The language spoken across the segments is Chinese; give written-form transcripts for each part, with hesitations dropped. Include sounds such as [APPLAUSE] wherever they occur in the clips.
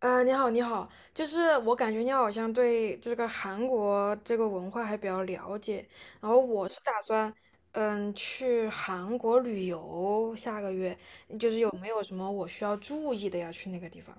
你好，你好，就是我感觉你好像对这个韩国这个文化还比较了解，然后我是打算，嗯，去韩国旅游，下个月，就是有没有什么我需要注意的呀？去那个地方？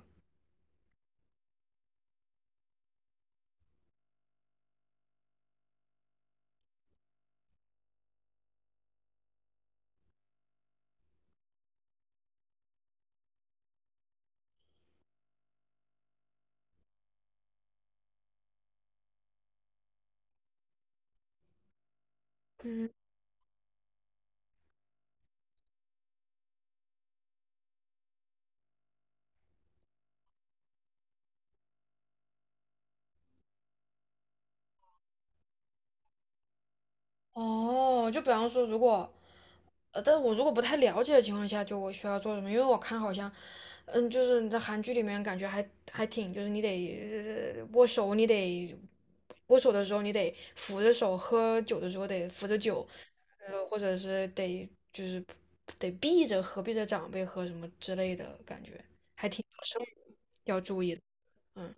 哦，就比方说，如果，呃，但我如果不太了解的情况下，就我需要做什么？因为我看好像，嗯，就是你在韩剧里面感觉还挺，就是你得握手，你得握手的时候你得扶着手，喝酒的时候得扶着酒，呃，或者是得就是得避着喝，避着长辈喝什么之类的感觉，是要注意的。嗯，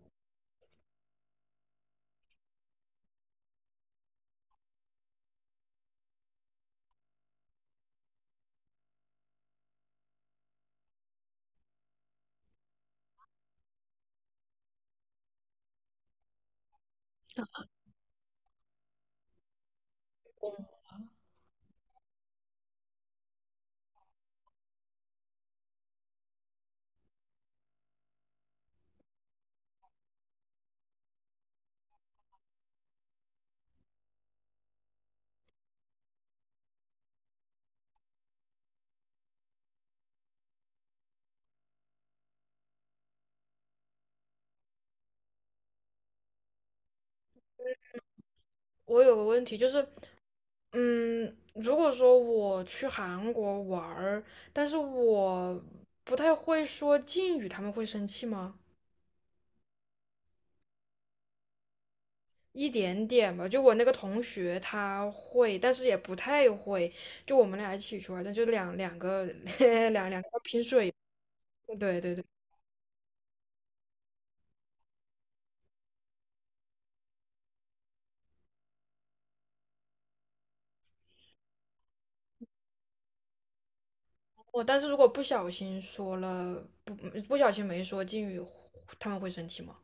我有个问题就是。嗯，如果说我去韩国玩儿，但是我不太会说敬语，他们会生气吗？一点点吧，就我那个同学他会，但是也不太会。就我们俩一起去玩儿但就两个 [LAUGHS] 两个拼水。对对对，我但是如果不小心说了，不小心没说敬语，他们会生气吗？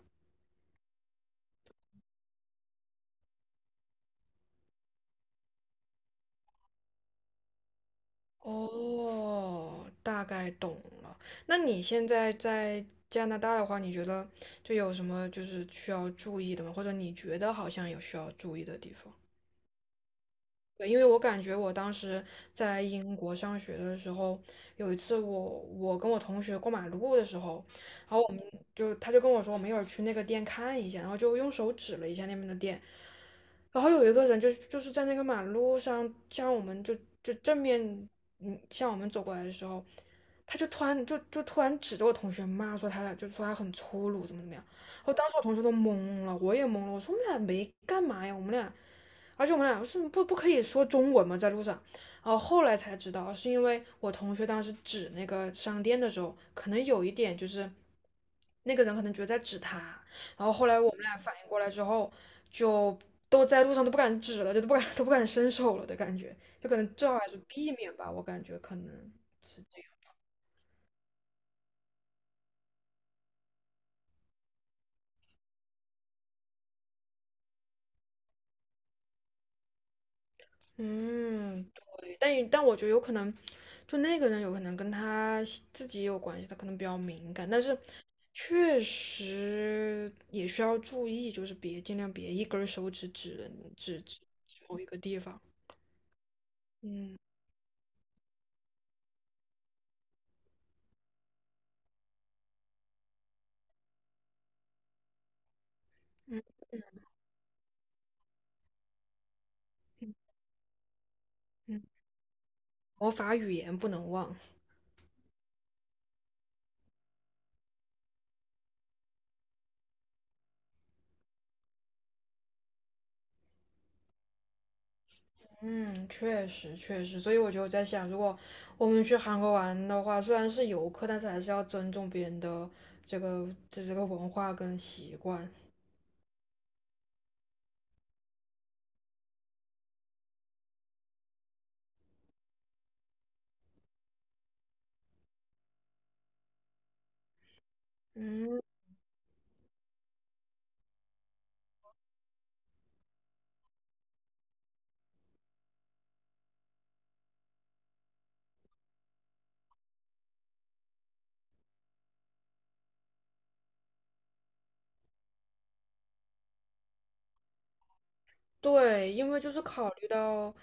哦，大概懂了。那你现在在加拿大的话，你觉得就有什么就是需要注意的吗？或者你觉得好像有需要注意的地方？对，因为我感觉我当时在英国上学的时候，有一次我跟我同学过马路的时候，然后我们就他就跟我说，我们一会儿去那个店看一下，然后就用手指了一下那边的店，然后有一个人就是在那个马路上向我们就正面嗯向我们走过来的时候，他就突然就就突然指着我同学骂说他俩就说他很粗鲁怎么怎么样，我当时我同学都懵了，我也懵了，我说我们俩没干嘛呀，我们俩，而且我们俩是不可以说中文吗？在路上，然后后来才知道是因为我同学当时指那个商店的时候，可能有一点就是那个人可能觉得在指他。然后后来我们俩反应过来之后，就都在路上都不敢指了，就都不敢 [LAUGHS] 都不敢伸手了的感觉，就可能最好还是避免吧，我感觉可能是这样。嗯，对，但我觉得有可能，就那个人有可能跟他自己也有关系，他可能比较敏感，但是确实也需要注意，就是别尽量别一根儿手指指人指某一个地方。嗯嗯嗯，魔法语言不能忘。嗯，确实确实，所以我就在想，如果我们去韩国玩的话，虽然是游客，但是还是要尊重别人的这这个文化跟习惯。嗯。对，因为就是考虑到，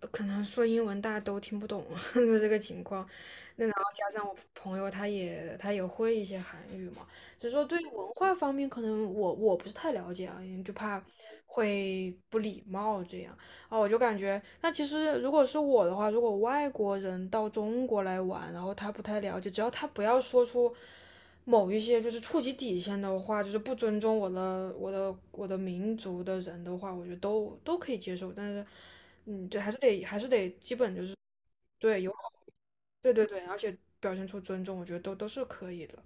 可能说英文大家都听不懂 [LAUGHS] 的这个情况，那然后加上我朋友他也会一些韩语嘛，所以说对于文化方面可能我不是太了解啊，因为就怕会不礼貌这样啊，我就感觉那其实如果是我的话，如果外国人到中国来玩，然后他不太了解，只要他不要说出。某一些就是触及底线的话，就是不尊重我的民族的人的话，我觉得都可以接受。但是，嗯，这还是得基本就是对友好，对对对，而且表现出尊重，我觉得都是可以的。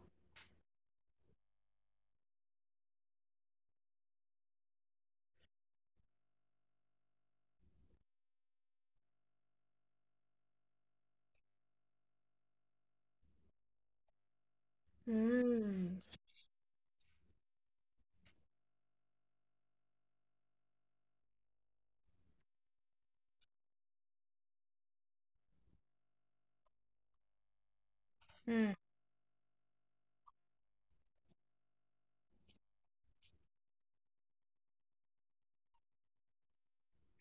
嗯嗯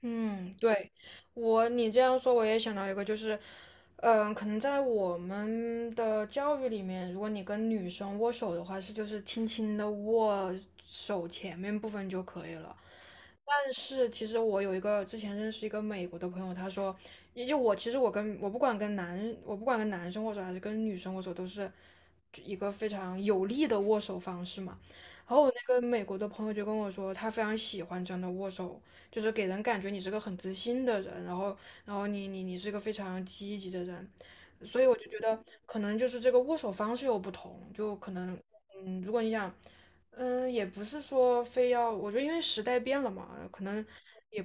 嗯，对我你这样说，我也想到一个，就是，嗯，可能在我们的教育里面，如果你跟女生握手的话，是就是轻轻的握手前面部分就可以了。但是其实我有一个之前认识一个美国的朋友，他说，也就我其实我跟我不管跟男生握手还是跟女生握手，都是一个非常有力的握手方式嘛。然后我那个美国的朋友就跟我说，他非常喜欢这样的握手，就是给人感觉你是个很自信的人，然后然后你你是个非常积极的人，所以我就觉得可能就是这个握手方式有不同，就可能嗯，如果你想。嗯，也不是说非要，我觉得因为时代变了嘛，可能也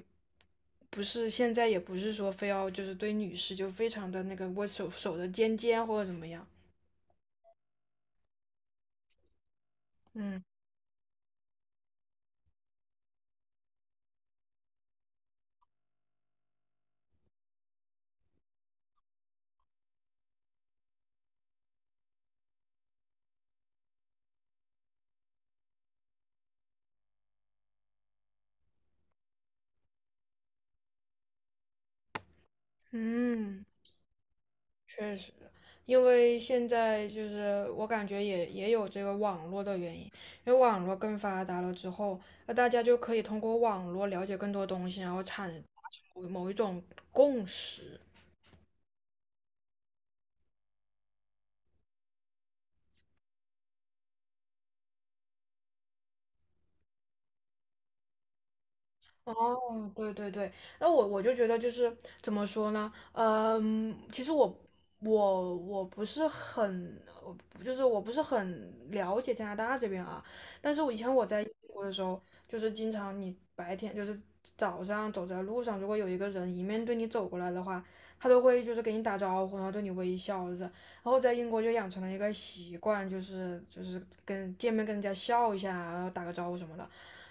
不是现在，也不是说非要就是对女士就非常的那个握手手的尖尖或者怎么样。嗯嗯，确实，因为现在就是我感觉也有这个网络的原因，因为网络更发达了之后，那大家就可以通过网络了解更多东西，然后产达成某一种共识。哦，对对对，那我就觉得就是怎么说呢，嗯，其实我我不是很，我就是我不是很了解加拿大这边啊，但是我以前我在英国的时候，就是经常你白天就是早上走在路上，如果有一个人迎面对你走过来的话，他都会就是给你打招呼，然后对你微笑着，然后在英国就养成了一个习惯，就是跟见面跟人家笑一下啊，然后打个招呼什么的。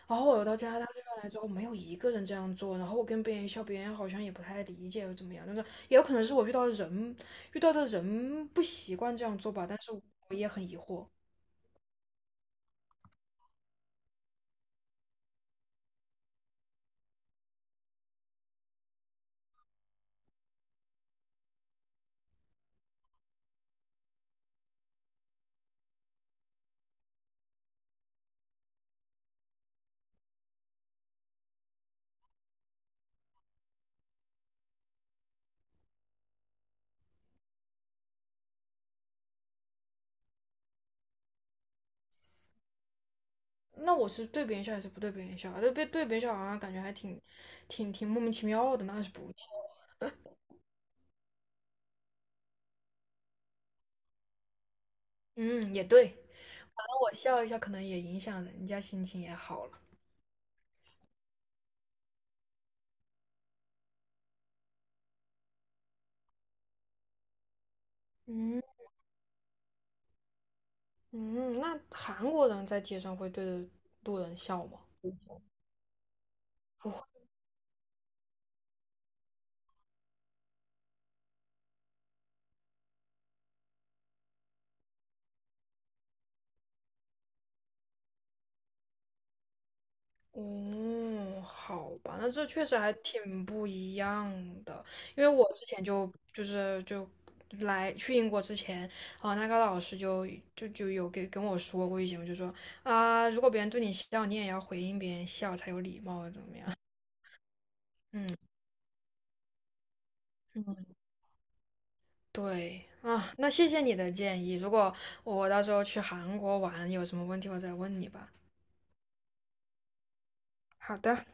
然后我到加拿大这边来之后，没有一个人这样做。然后我跟别人笑，别人好像也不太理解又怎么样。但是也有可能是我遇到的人，遇到的人不习惯这样做吧。但是我也很疑惑，那我是对别人笑还是不对别人笑啊？对别人笑好像感觉还挺莫名其妙的，那是不？嗯，也对。反正我笑一下，可能也影响人家心情也好了。嗯嗯，那韩国人在街上会对着路人笑吗？不。哦，好吧，那这确实还挺不一样的，因为我之前就就是就来去英国之前，啊、那个老师就有给跟我说过一些，我就说啊，如果别人对你笑，你也要回应别人笑才有礼貌，怎么样？[LAUGHS] 嗯，对啊，那谢谢你的建议，如果我到时候去韩国玩，有什么问题我再问你吧。好的。